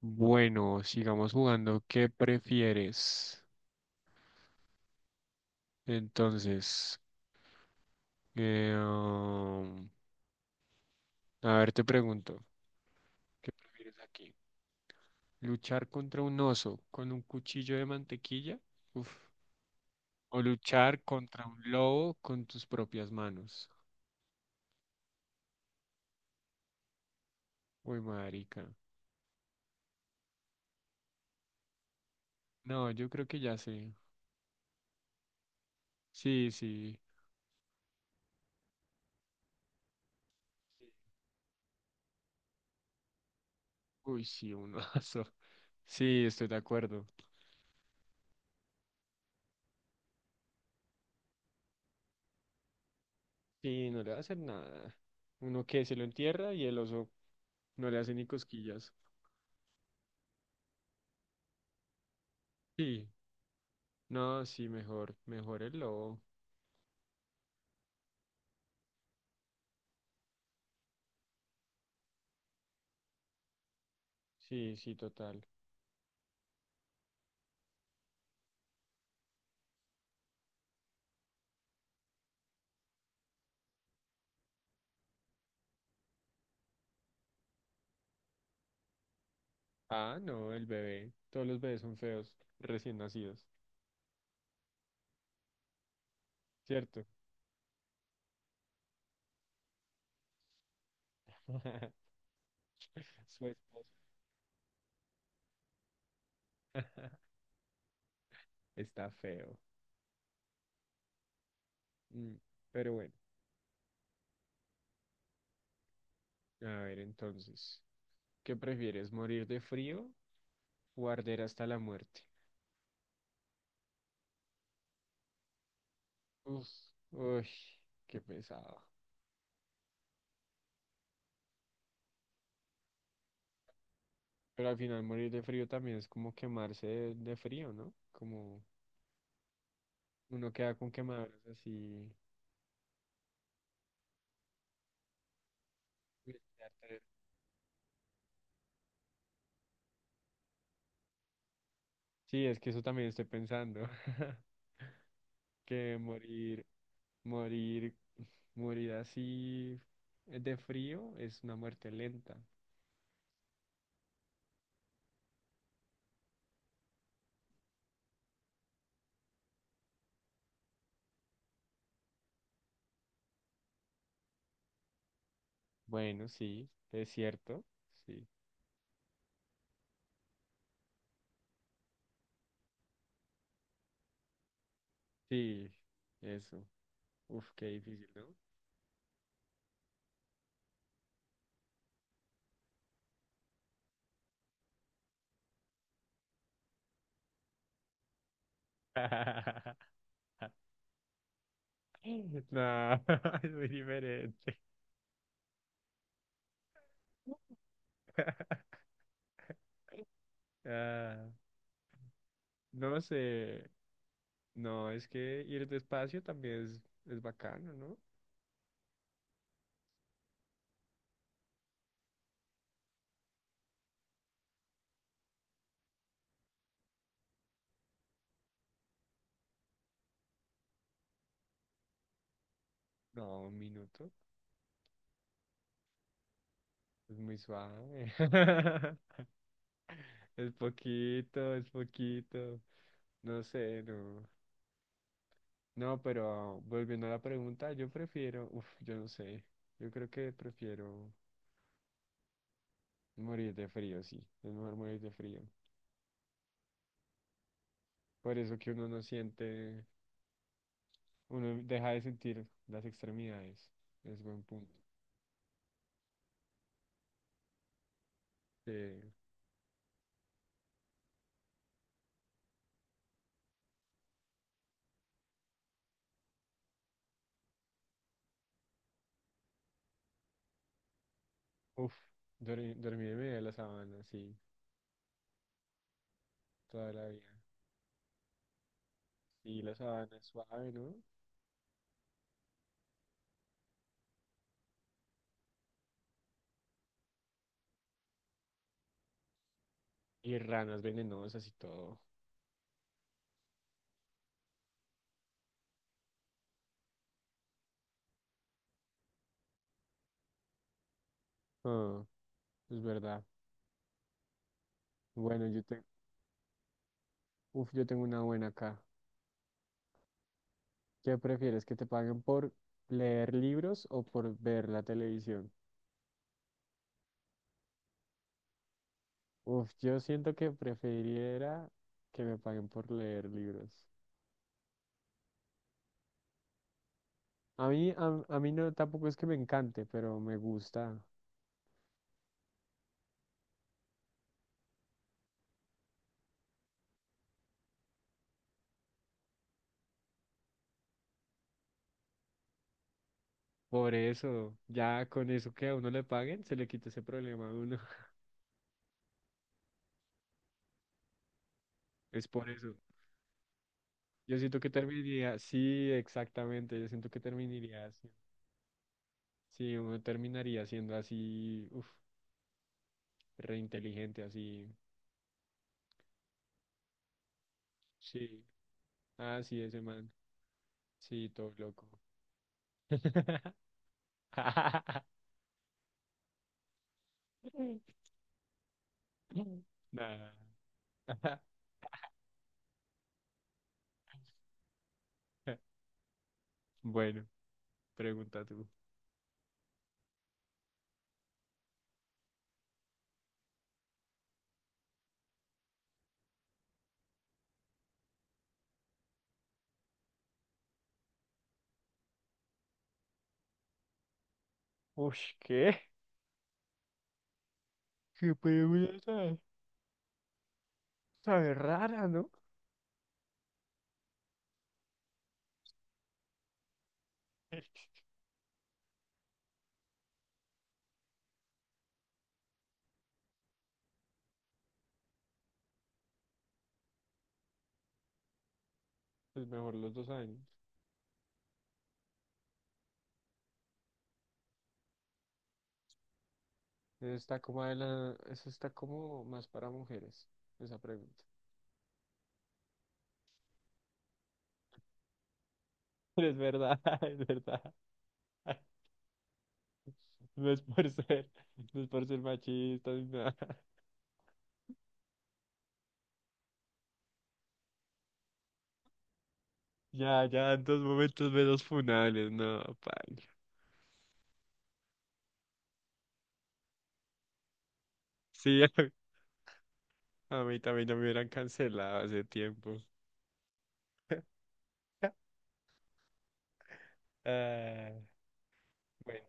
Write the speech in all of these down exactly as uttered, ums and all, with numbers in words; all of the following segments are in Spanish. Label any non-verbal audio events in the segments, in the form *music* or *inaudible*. Bueno, sigamos jugando. ¿Qué prefieres? Entonces, eh, um, a ver, te pregunto, ¿qué prefieres aquí? ¿Luchar contra un oso con un cuchillo de mantequilla? Uf. ¿O luchar contra un lobo con tus propias manos? Uy, marica. No, yo creo que ya sé. Sí, sí. Uy, sí, un oso. *laughs* Sí, estoy de acuerdo. Sí, no le va a hacer nada. Uno que se lo entierra y el oso no le hace ni cosquillas. Sí, no, sí, mejor, mejor el lobo. Sí, sí, total. Ah, no, el bebé. Todos los bebés son feos, recién nacidos, ¿cierto? *laughs* Su esposo está feo. Mm, pero bueno, a ver entonces, ¿qué prefieres, morir de frío o arder hasta la muerte? Uf, uy, qué pesado. Pero al final morir de frío también es como quemarse de, de frío, ¿no? Como uno queda con quemaduras así. Sí, es que eso también estoy pensando, *laughs* que morir, morir, morir así de frío es una muerte lenta. Bueno, sí, es cierto, sí, sí, eso. Uf, qué difícil, ¿no? *laughs* No, *laughs* es muy diferente. *laughs* Ah, no sé, no, es que ir despacio también es, es bacano, ¿no? No, un minuto, es muy suave. *laughs* Es poquito, es poquito. No sé, no. No, pero volviendo a la pregunta, yo prefiero, uf, yo no sé. Yo creo que prefiero morir de frío, sí. Es mejor morir de frío. Por eso que uno no siente, uno deja de sentir las extremidades. Es buen punto. Eh, uf, dormir, dormir en medio de la sabana, sí, toda la vida. Y la sabana es suave, ¿no? Y ranas venenosas y todo. Ah, es verdad. Bueno, yo te uf, yo tengo una buena acá. ¿Qué prefieres, que te paguen por leer libros o por ver la televisión? Uf, yo siento que preferiría que me paguen por leer libros. A mí, a, a mí no, tampoco es que me encante, pero me gusta. Por eso, ya con eso que a uno le paguen, se le quita ese problema a uno. *laughs* Es por eso. Yo siento que terminaría, sí, exactamente, yo siento que terminaría así. Sí, uno terminaría siendo así, uf, reinteligente, así. Sí. Ah, sí, ese man. Sí, todo loco. *laughs* Nah. *laughs* Bueno, pregunta tú. Ush, ¿qué? Qué pregunta sabe rara, ¿no? *laughs* Pues mejor los dos años. Eso está como de la... Eso está como más para mujeres, esa pregunta. *laughs* Es verdad, *laughs* es verdad. *laughs* No es por ser, no es por ser machista ni nada. *laughs* Ya, ya, en dos momentos menos funables, no, paila. Sí, *laughs* a mí también ya me hubieran cancelado hace tiempo. *laughs* Ah, bueno,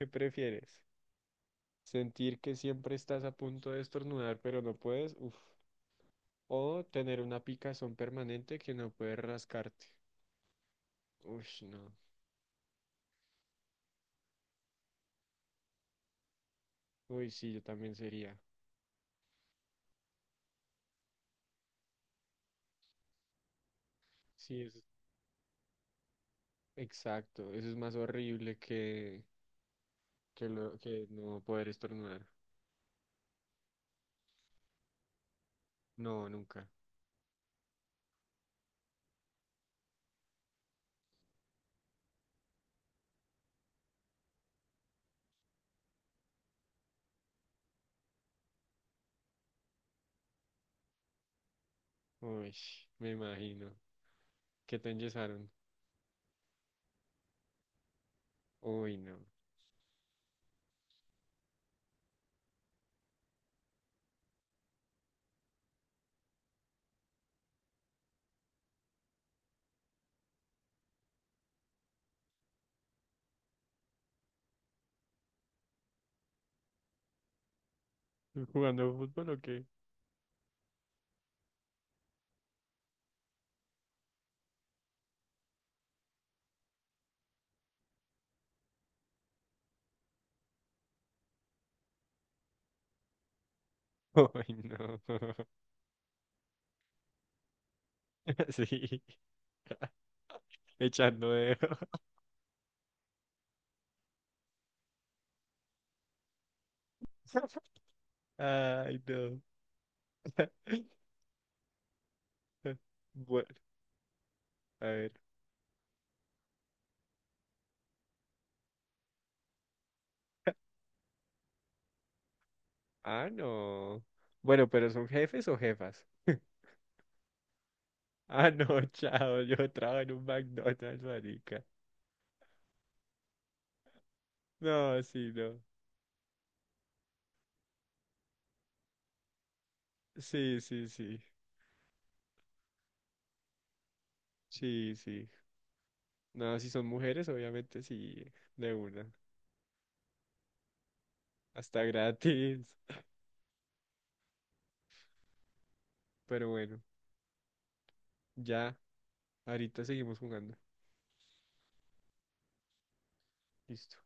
¿qué prefieres? ¿Sentir que siempre estás a punto de estornudar pero no puedes? Uf. ¿O tener una picazón permanente que no puedes rascarte? Uy, no. Uy, sí, yo también sería. Sí, es exacto. Eso es más horrible que, que, lo, que no poder estornudar. No, nunca. Uy, me imagino. ¿Qué te enyesaron? Uy, no. ¿Jugando fútbol o qué? *laughs* Uy, no. *laughs* Sí, *laughs* echando dedo. *laughs* Ay, no. *laughs* Bueno, a ver. Ah, no. Bueno, pero ¿son jefes o jefas? *laughs* Ah, no, chao, yo trabajo en un McDonald's, marica. No, sí, no. Sí, sí, sí. Sí, sí. No, si son mujeres, obviamente sí, de una. Hasta gratis. Pero bueno, ya, ahorita seguimos jugando. Listo.